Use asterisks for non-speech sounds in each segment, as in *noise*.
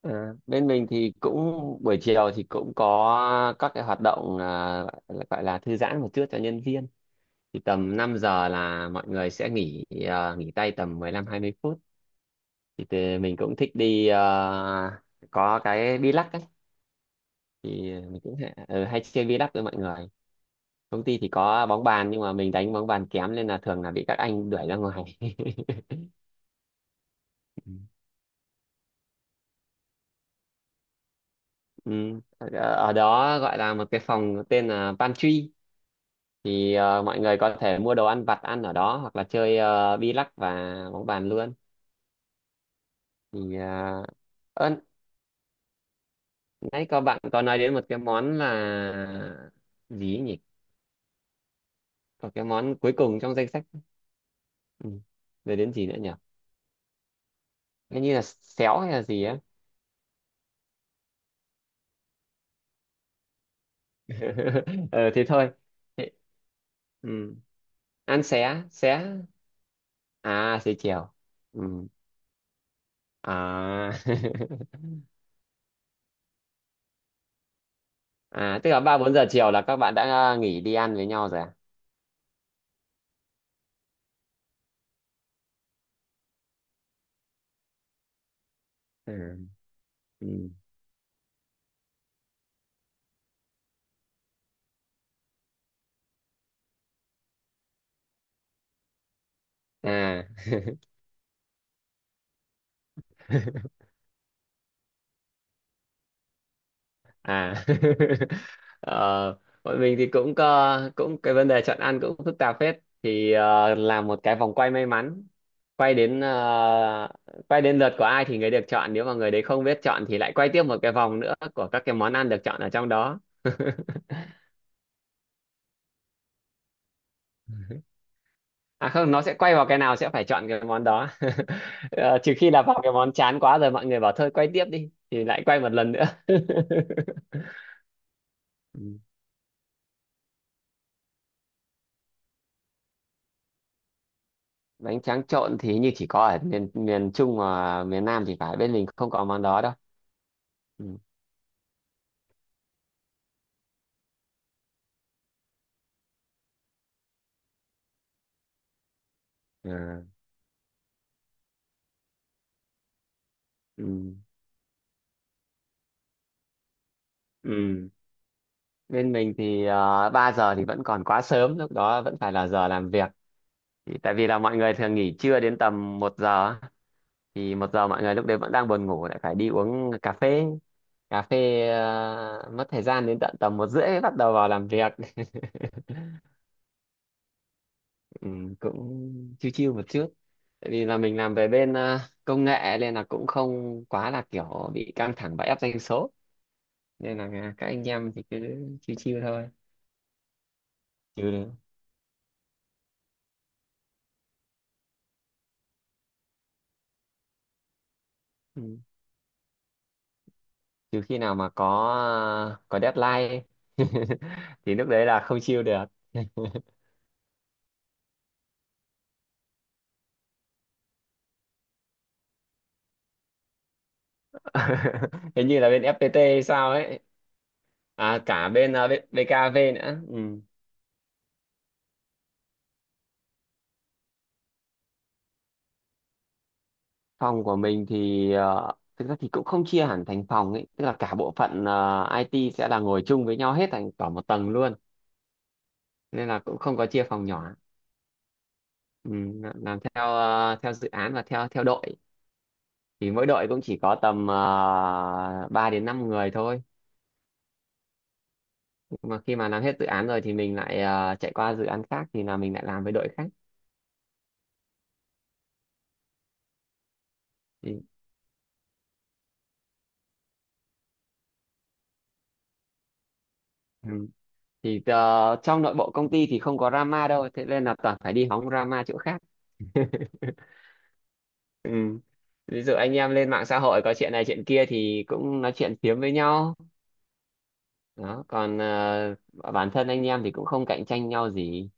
Ờ, Bên mình thì cũng buổi chiều thì cũng có các cái hoạt động, gọi gọi là thư giãn một chút cho nhân viên, thì tầm 5 giờ là mọi người sẽ nghỉ, nghỉ tay tầm 15 20 phút. Mình cũng thích đi, có cái bi lắc ấy. Thì mình cũng hay, ừ, hay chơi bi lắc với mọi người. Công ty thì có bóng bàn nhưng mà mình đánh bóng bàn kém nên là thường là bị các anh đuổi ra ngoài. *laughs* Ừ. ở Ở đó gọi là một cái phòng tên là pantry. Mọi người có thể mua đồ ăn vặt ăn ở đó hoặc là chơi bi lắc và bóng bàn luôn. thì ờ, ơ, Nãy có bạn có nói đến một cái món là gì ấy nhỉ, có cái món cuối cùng trong danh sách. Ừ. Rồi đến gì nữa nhỉ, hình như là xéo hay là gì á. *laughs* Ờ Thế thôi. Thế, ừ, ăn xé xé. À xế chiều. Ừ. À. *laughs* À tức là 3 4 giờ chiều là các bạn đã, nghỉ đi ăn với nhau rồi à. Ừ. Ừ. À. *laughs* À. *laughs* ờ, Bọn mình thì cũng có cũng cái vấn đề chọn ăn cũng phức tạp phết. Thì làm một cái vòng quay may mắn, quay đến quay đến lượt của ai thì người được chọn, nếu mà người đấy không biết chọn thì lại quay tiếp một cái vòng nữa của các cái món ăn được chọn ở trong đó. *laughs* À không, nó sẽ quay vào cái nào sẽ phải chọn cái món đó. *laughs* Ờ, trừ khi là vào cái món chán quá rồi mọi người bảo thôi quay tiếp đi thì lại quay một lần nữa. *laughs* Ừ. Bánh tráng trộn thì như chỉ có ở miền miền Trung và miền Nam thì phải, bên mình không có món đó đâu. Ừ. À, ừ. Ừ. Bên mình thì 3 giờ thì vẫn còn quá sớm, lúc đó vẫn phải là giờ làm việc. Thì tại vì là mọi người thường nghỉ trưa đến tầm 1 giờ á. Thì 1 giờ mọi người lúc đấy vẫn đang buồn ngủ lại phải đi uống cà phê. Cà phê mất thời gian đến tận tầm 1 rưỡi mới bắt đầu vào làm việc. Ừ, cũng chiêu chiêu một chút, tại vì là mình làm về bên, công nghệ nên là cũng không quá là kiểu bị căng thẳng và ép doanh số. Nên là à, các anh em thì cứ chiêu chiêu thôi. trừ ừ. Trừ khi nào mà có, có deadline ấy. *laughs* Thì lúc đấy là không chiêu được. *laughs* Hình như là bên FPT hay sao ấy. À cả bên, bên BKV nữa. Ừ. Phòng của mình thì thực ra thì cũng không chia hẳn thành phòng ấy, tức là cả bộ phận IT sẽ là ngồi chung với nhau hết thành cả một tầng luôn, nên là cũng không có chia phòng nhỏ. Ừ, làm theo theo dự án và theo theo đội. Thì mỗi đội cũng chỉ có tầm 3 đến 5 người thôi, nhưng mà khi mà làm hết dự án rồi thì mình lại chạy qua dự án khác thì là mình lại làm với đội khác. thì, ừ. Thì trong nội bộ công ty thì không có drama đâu, thế nên là toàn phải đi hóng drama chỗ khác. Ừ. Ví dụ anh em lên mạng xã hội có chuyện này chuyện kia thì cũng nói chuyện phiếm với nhau. Đó còn bản thân anh em thì cũng không cạnh tranh nhau gì.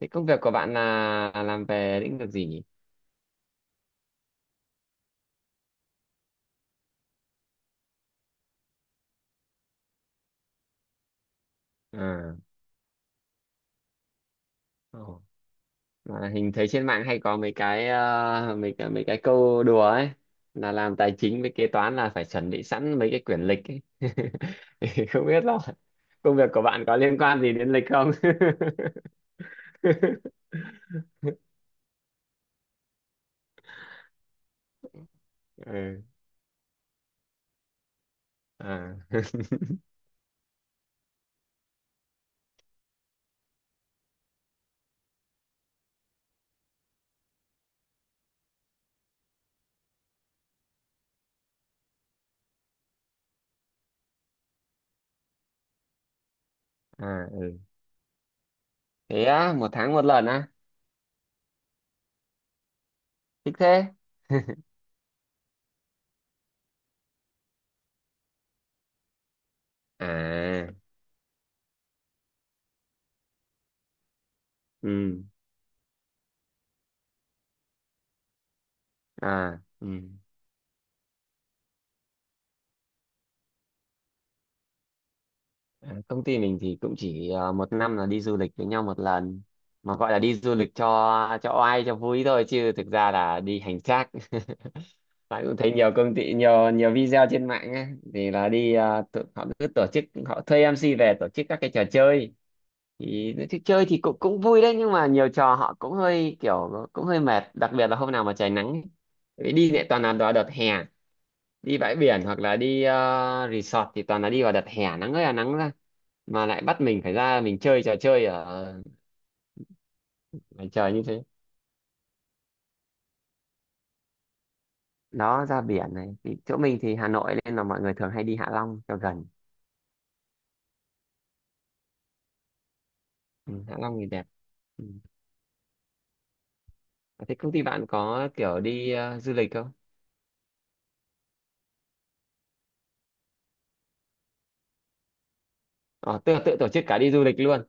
Thế công việc của bạn là làm về lĩnh vực gì nhỉ? À. Ồ. Mà hình thấy trên mạng hay có mấy cái mấy cái câu đùa ấy, là làm tài chính với kế toán là phải chuẩn bị sẵn mấy cái quyển lịch ấy. *laughs* Không biết là công việc của bạn có liên quan gì đến lịch không? *laughs* Ừ. À. À ừ. Thế á, 1 tháng 1 lần á? Thích thế. À ừ. À ừ. À, công ty mình thì cũng chỉ 1 năm là đi du lịch với nhau 1 lần. Mà gọi là đi du lịch cho oai cho vui thôi chứ thực ra là đi hành xác. *laughs* Bạn cũng thấy nhiều công ty, nhiều nhiều video trên mạng ấy, thì là đi họ cứ tổ chức, họ thuê MC về tổ chức các cái trò chơi. Thì chơi thì cũng cũng vui đấy, nhưng mà nhiều trò họ cũng hơi kiểu cũng hơi mệt, đặc biệt là hôm nào mà trời nắng ấy. Tại vì đi lại toàn là vào đợt hè, đi bãi biển hoặc là đi resort thì toàn là đi vào đợt hè nắng ơi là nắng ra, mà lại bắt mình phải ra mình chơi trò chơi ở ngoài trời như thế. Đó ra biển này thì chỗ mình thì Hà Nội nên là mọi người thường hay đi Hạ Long cho gần. Ừ, Hạ Long thì đẹp. Ừ. Thế công ty bạn có kiểu đi du lịch không? Ờ tự tự tổ chức cả đi du lịch luôn?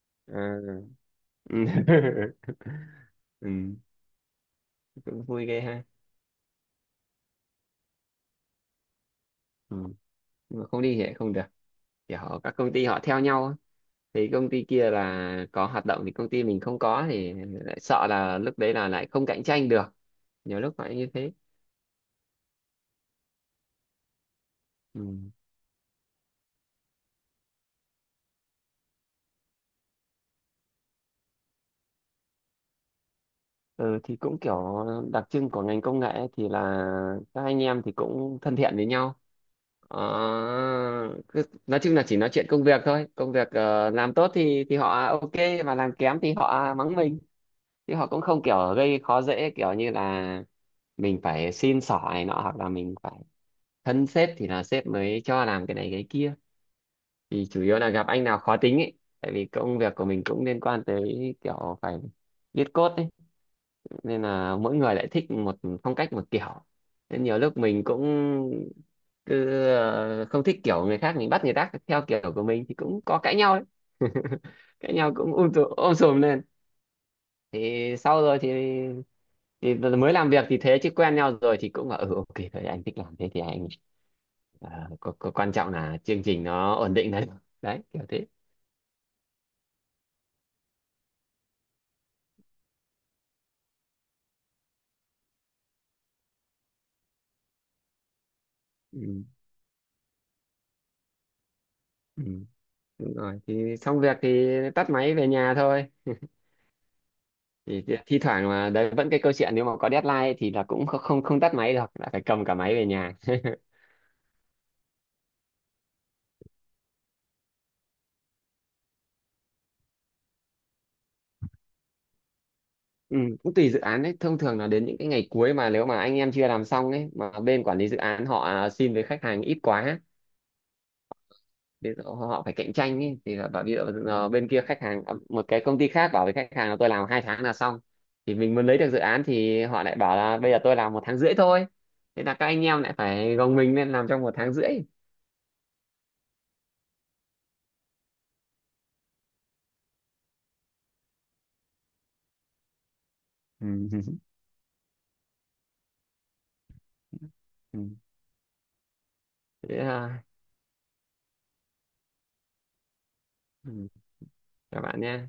*laughs* Ừ. Ừ. *laughs* Ừ, cũng vui ghê ha. Ừ. Nhưng mà không đi thì lại không được, các công ty họ theo nhau á. Thì công ty kia là có hoạt động thì công ty mình không có thì lại sợ là lúc đấy là lại không cạnh tranh được, nhiều lúc phải như thế. Ừ. Ừ, thì cũng kiểu đặc trưng của ngành công nghệ ấy thì là các anh em thì cũng thân thiện với nhau. Ờ, cứ, nói chung là chỉ nói chuyện công việc thôi. Công việc làm tốt thì họ ok, mà làm kém thì họ mắng mình, chứ họ cũng không kiểu gây khó dễ kiểu như là mình phải xin xỏ này nọ, hoặc là mình phải thân sếp thì là sếp mới cho làm cái này cái kia. Thì chủ yếu là gặp anh nào khó tính ấy, tại vì công việc của mình cũng liên quan tới kiểu phải viết code ấy, nên là mỗi người lại thích một phong cách một kiểu, nên nhiều lúc mình cũng cứ không thích kiểu người khác, mình bắt người khác theo kiểu của mình thì cũng có cãi nhau ấy. *laughs* Cãi nhau cũng ôm sùm lên. Thì sau rồi thì mới làm việc thì thế, chứ quen nhau rồi thì cũng là ừ ok đấy, anh thích làm thế thì anh ờ, có quan trọng là chương trình nó ổn định đấy. *laughs* Đấy kiểu thế. Ừ. Ừ. Đúng rồi, thì xong việc thì tắt máy về nhà thôi. Thì thi thi thoảng mà đấy vẫn cái câu chuyện, nếu mà có deadline thì là cũng không không không tắt máy được, là phải cầm cả máy về nhà. *laughs* Ừ, cũng tùy dự án đấy, thông thường là đến những cái ngày cuối mà nếu mà anh em chưa làm xong ấy mà bên quản lý dự án họ xin với khách hàng ít quá. Ví dụ họ phải cạnh tranh ý, thì là bảo ví dụ bên kia khách hàng, một cái công ty khác bảo với khách hàng là tôi làm 2 tháng là xong, thì mình muốn lấy được dự án thì họ lại bảo là bây giờ tôi làm 1,5 tháng thôi, thế là các anh em lại phải gồng mình lên làm trong 1,5 tháng. Ừ. *laughs* Ừ. Thế, à, ừ, các bạn nhé.